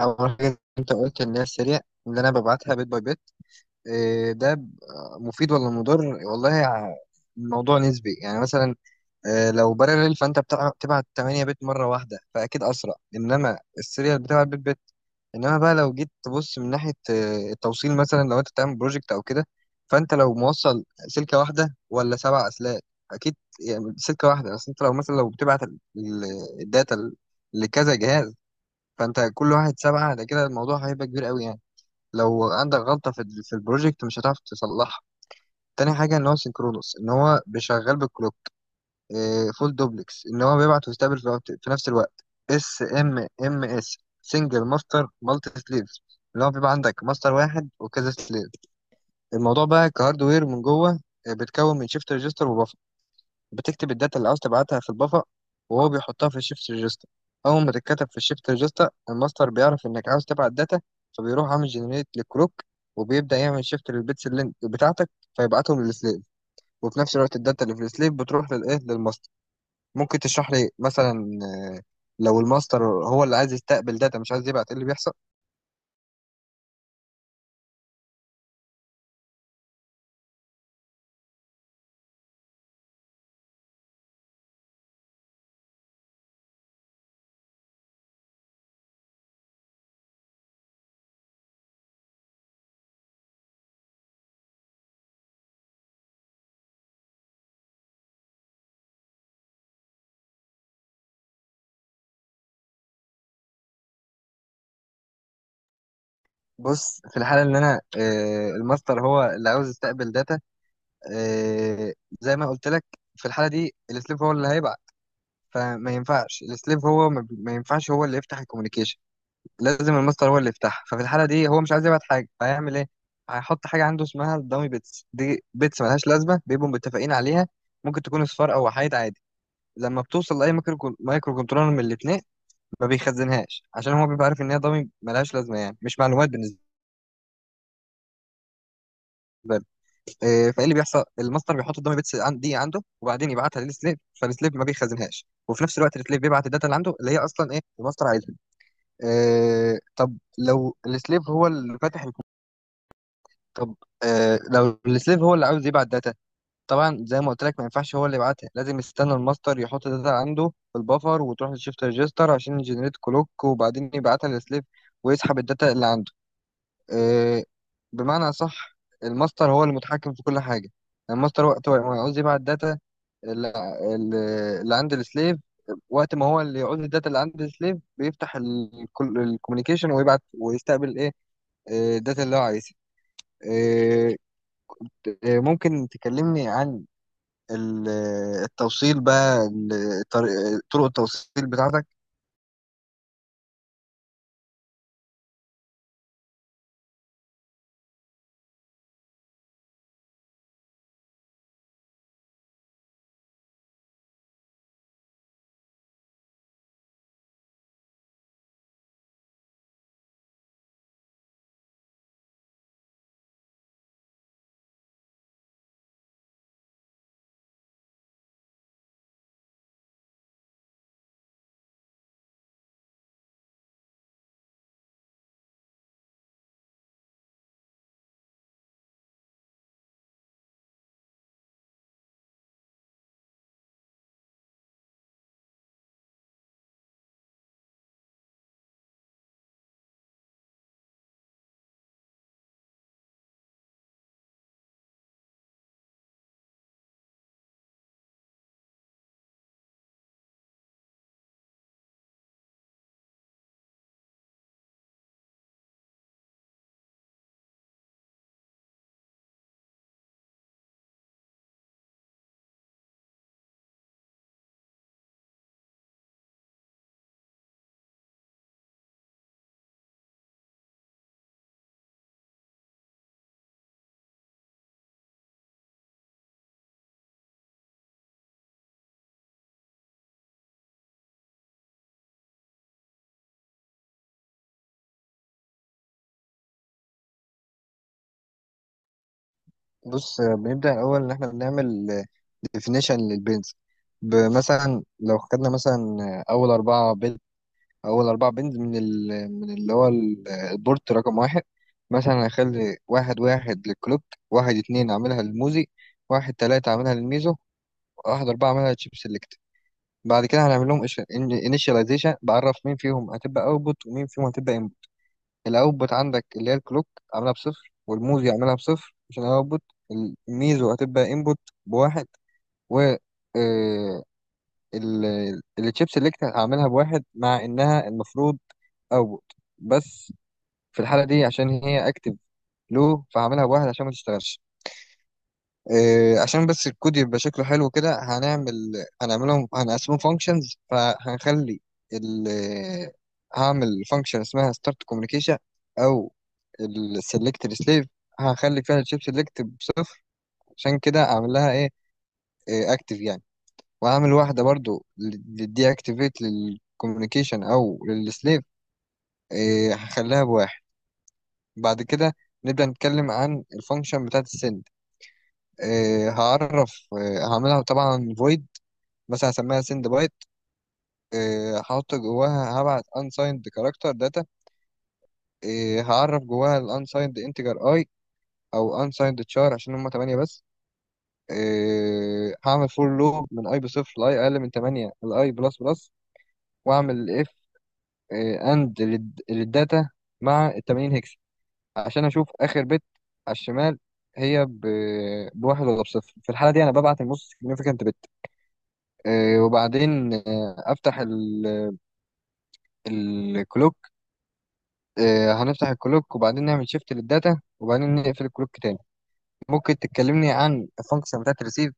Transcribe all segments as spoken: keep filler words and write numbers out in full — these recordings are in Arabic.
أول حاجة أنت قلت إن هي السريع، اللي أنا ببعتها بيت باي بيت. إيه ده ب- آه، مفيد ولا مضر والله ع- الموضوع نسبي يعني مثلا. آه، لو بارلل فأنت بتع- بتبعت 8 بيت مرة واحدة، فأكيد أسرع، إنما السريع بتبعت بيت بيت. إنما بقى لو جيت تبص من ناحية آه، التوصيل مثلا، لو أنت بتعمل بروجكت أو كده، فأنت لو موصل سلكة واحدة ولا سبع أسلاك. أكيد. يعني سلكة واحدة بس، أنت لو مثلا لو بتبعت ال- ال- الداتا لكذا جهاز، فانت كل واحد سبعة، ده كده الموضوع هيبقى كبير قوي يعني. لو عندك غلطة في ال- في البروجكت مش هتعرف تصلحها. تاني حاجة ان هو سينكرونوس، ان هو بيشغل بالكلوك. إيه فول دوبلكس، ان هو بيبعت ويستقبل في, وقت- في نفس الوقت. اس ام ام اس، سنجل ماستر مالتي سليفز، اللي هو بيبقى عندك ماستر واحد وكذا سليف. الموضوع بقى كهاردوير من جوه، آه، بتكون من شيفت ريجستر. بتكتب الداتا اللي عاوز تبعتها في البفر، وهو بيحطها في الشيفت ريجستا. اول ما تتكتب في الشيفت ريجستا، الماستر بيعرف انك عاوز تبعت داتا، فبيروح عامل جنريت للكروك، وبيبدأ يعمل شيفت للبيتس اللي بتاعتك فيبعتهم للسليف. وفي نفس الوقت الداتا اللي في السليف بتروح للايه، للماستر. ممكن تشرح لي مثلا آه، لو الماستر هو اللي عايز يستقبل داتا مش عايز يبعت، ايه اللي بيحصل؟ بص، في الحالة اللي انا آه، الماستر هو اللي عاوز يستقبل داتا، آه، زي ما قلت لك، في الحالة دي السليف هو اللي هيبعت. فما ينفعش السليف هو ما, بي- ما ينفعش هو اللي يفتح الكوميونيكيشن، لازم الماستر هو اللي يفتحها. ففي الحاله دي هو مش عايز يبعت حاجه، فهيعمل ايه؟ هيحط حاجه عنده اسمها الدامي بيتس، دي بيتس ملهاش لازمه، بيبقوا متفقين عليها. ممكن تكون اصفار او وحايد عادي. لما بتوصل لاي مايكرو كون- مايكرو كنترولر من الاثنين، ما بيخزنهاش، عشان هو بيبقى عارف ان هي دامي ملهاش لازمه، يعني مش معلومات بالنسبه له. إيه، فايه اللي بيحصل؟ الماستر بيحط الدامي بيتس عن- دي عنده، وبعدين يبعتها للسليف، فالسليف ما بيخزنهاش. وفي نفس الوقت السليف بيبعت الداتا اللي عنده، اللي هي اصلا ايه، الماستر عايزها. آه، طب لو السليف هو اللي فاتح الكمبيوتر، طب آه لو السليف هو اللي عاوز يبعت داتا، طبعا زي ما قلت لك ما ينفعش هو اللي يبعتها، لازم يستنى الماستر يحط داتا عنده في البفر، وتروح للشيفت ريجستر عشان يجنريت كلوك، وبعدين يبعتها للسليف، ويسحب الداتا اللي عنده. آه، بمعنى صح، الماستر هو المتحكم في كل حاجة. يعني الماستر وقت ما يعوز يبعت داتا اللي اللي عند السليف، وقت ما هو اللي يعوز الداتا اللي عند السليف، بيفتح الكوميونيكيشن ويبعت ويستقبل ايه، آه، الداتا اللي هو عايزها. آه، آه، ممكن تكلمني عن ال- التوصيل بقى، ال- طرق طرق التوصيل بتاعتك؟ بص، بنبدأ الأول إن إحنا بنعمل definition للبنز. مثلا لو خدنا مثلا أول أربعة بنز أول أربعة بنز من ال من اللي هو ال- البورت رقم واحد، مثلا هخلي واحد واحد للكلوب، واحد اتنين أعملها للموزي، واحد تلاتة أعملها للميزو، واحد أربعة أعملها للشيب سيلكت. بعد كده هنعمل لهم initialization، بعرف مين فيهم هتبقى output ومين فيهم هتبقى input. الاوتبوت عندك اللي هي الكلوك عاملها بصفر، والموز يعملها بصفر عشان الاوتبوت. الميزو هتبقى انبوت بواحد، و آه، ال- التشيب سيلكت هعملها بواحد مع انها المفروض اوتبوت، بس في الحالة دي عشان هي اكتف لو، فهعملها بواحد عشان ما تشتغلش. إيه، عشان بس الكود يبقى شكله حلو كده، هنعمل هنعملهم هنقسمهم فانكشنز. فهنخلي ال آه، هعمل فانكشن اسمها ستارت كوميونيكيشن او السلكت السليف، هخلي فيها الشيب سلكت بصفر عشان كده اعمل لها ايه، اكتف يعني. وهعمل واحده برضو للدي اكتيفيت للكوميونيكيشن او للسليف، إيه، هخليها بواحد. بعد كده نبدأ نتكلم عن الفانكشن بتاعت السند. إيه هعرف، إيه هعملها طبعا void، مثلا هسميها سند بايت. آه، هحط جواها، هبعت unsigned كاركتر داتا، هعرف جواها ال unsigned integer i او unsigned char عشان هما ثمانية بس. آه، هعمل for لوب من i بصفر ل i اقل من ثمانية ل i بلس بلس، واعمل if آه، and لل- للداتا مع ال 80 هكس عشان اشوف اخر بت على الشمال هي ب... بواحد ولا بصفر. في الحالة دي أنا ببعت النص significant bit. آه، وبعدين آه، أفتح الكلوك. آه، هنفتح الكلوك وبعدين نعمل شيفت للداتا وبعدين نقفل الكلوك تاني. ممكن تكلمني عن الفانكشن بتاعت الريسيف؟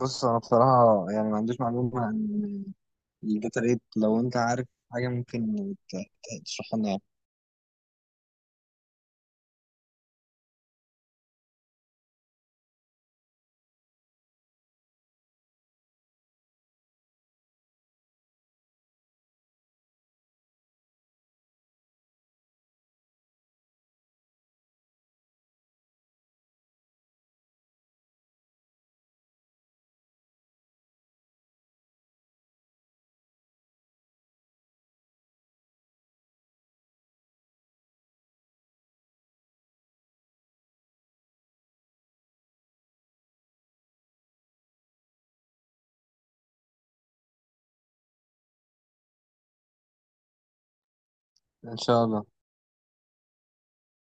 بص انا بصراحه يعني ما عنديش معلومه عن الداتا ريت، لو انت عارف حاجه ممكن ت- ت- تشرحها لنا يعني. ان شاء الله.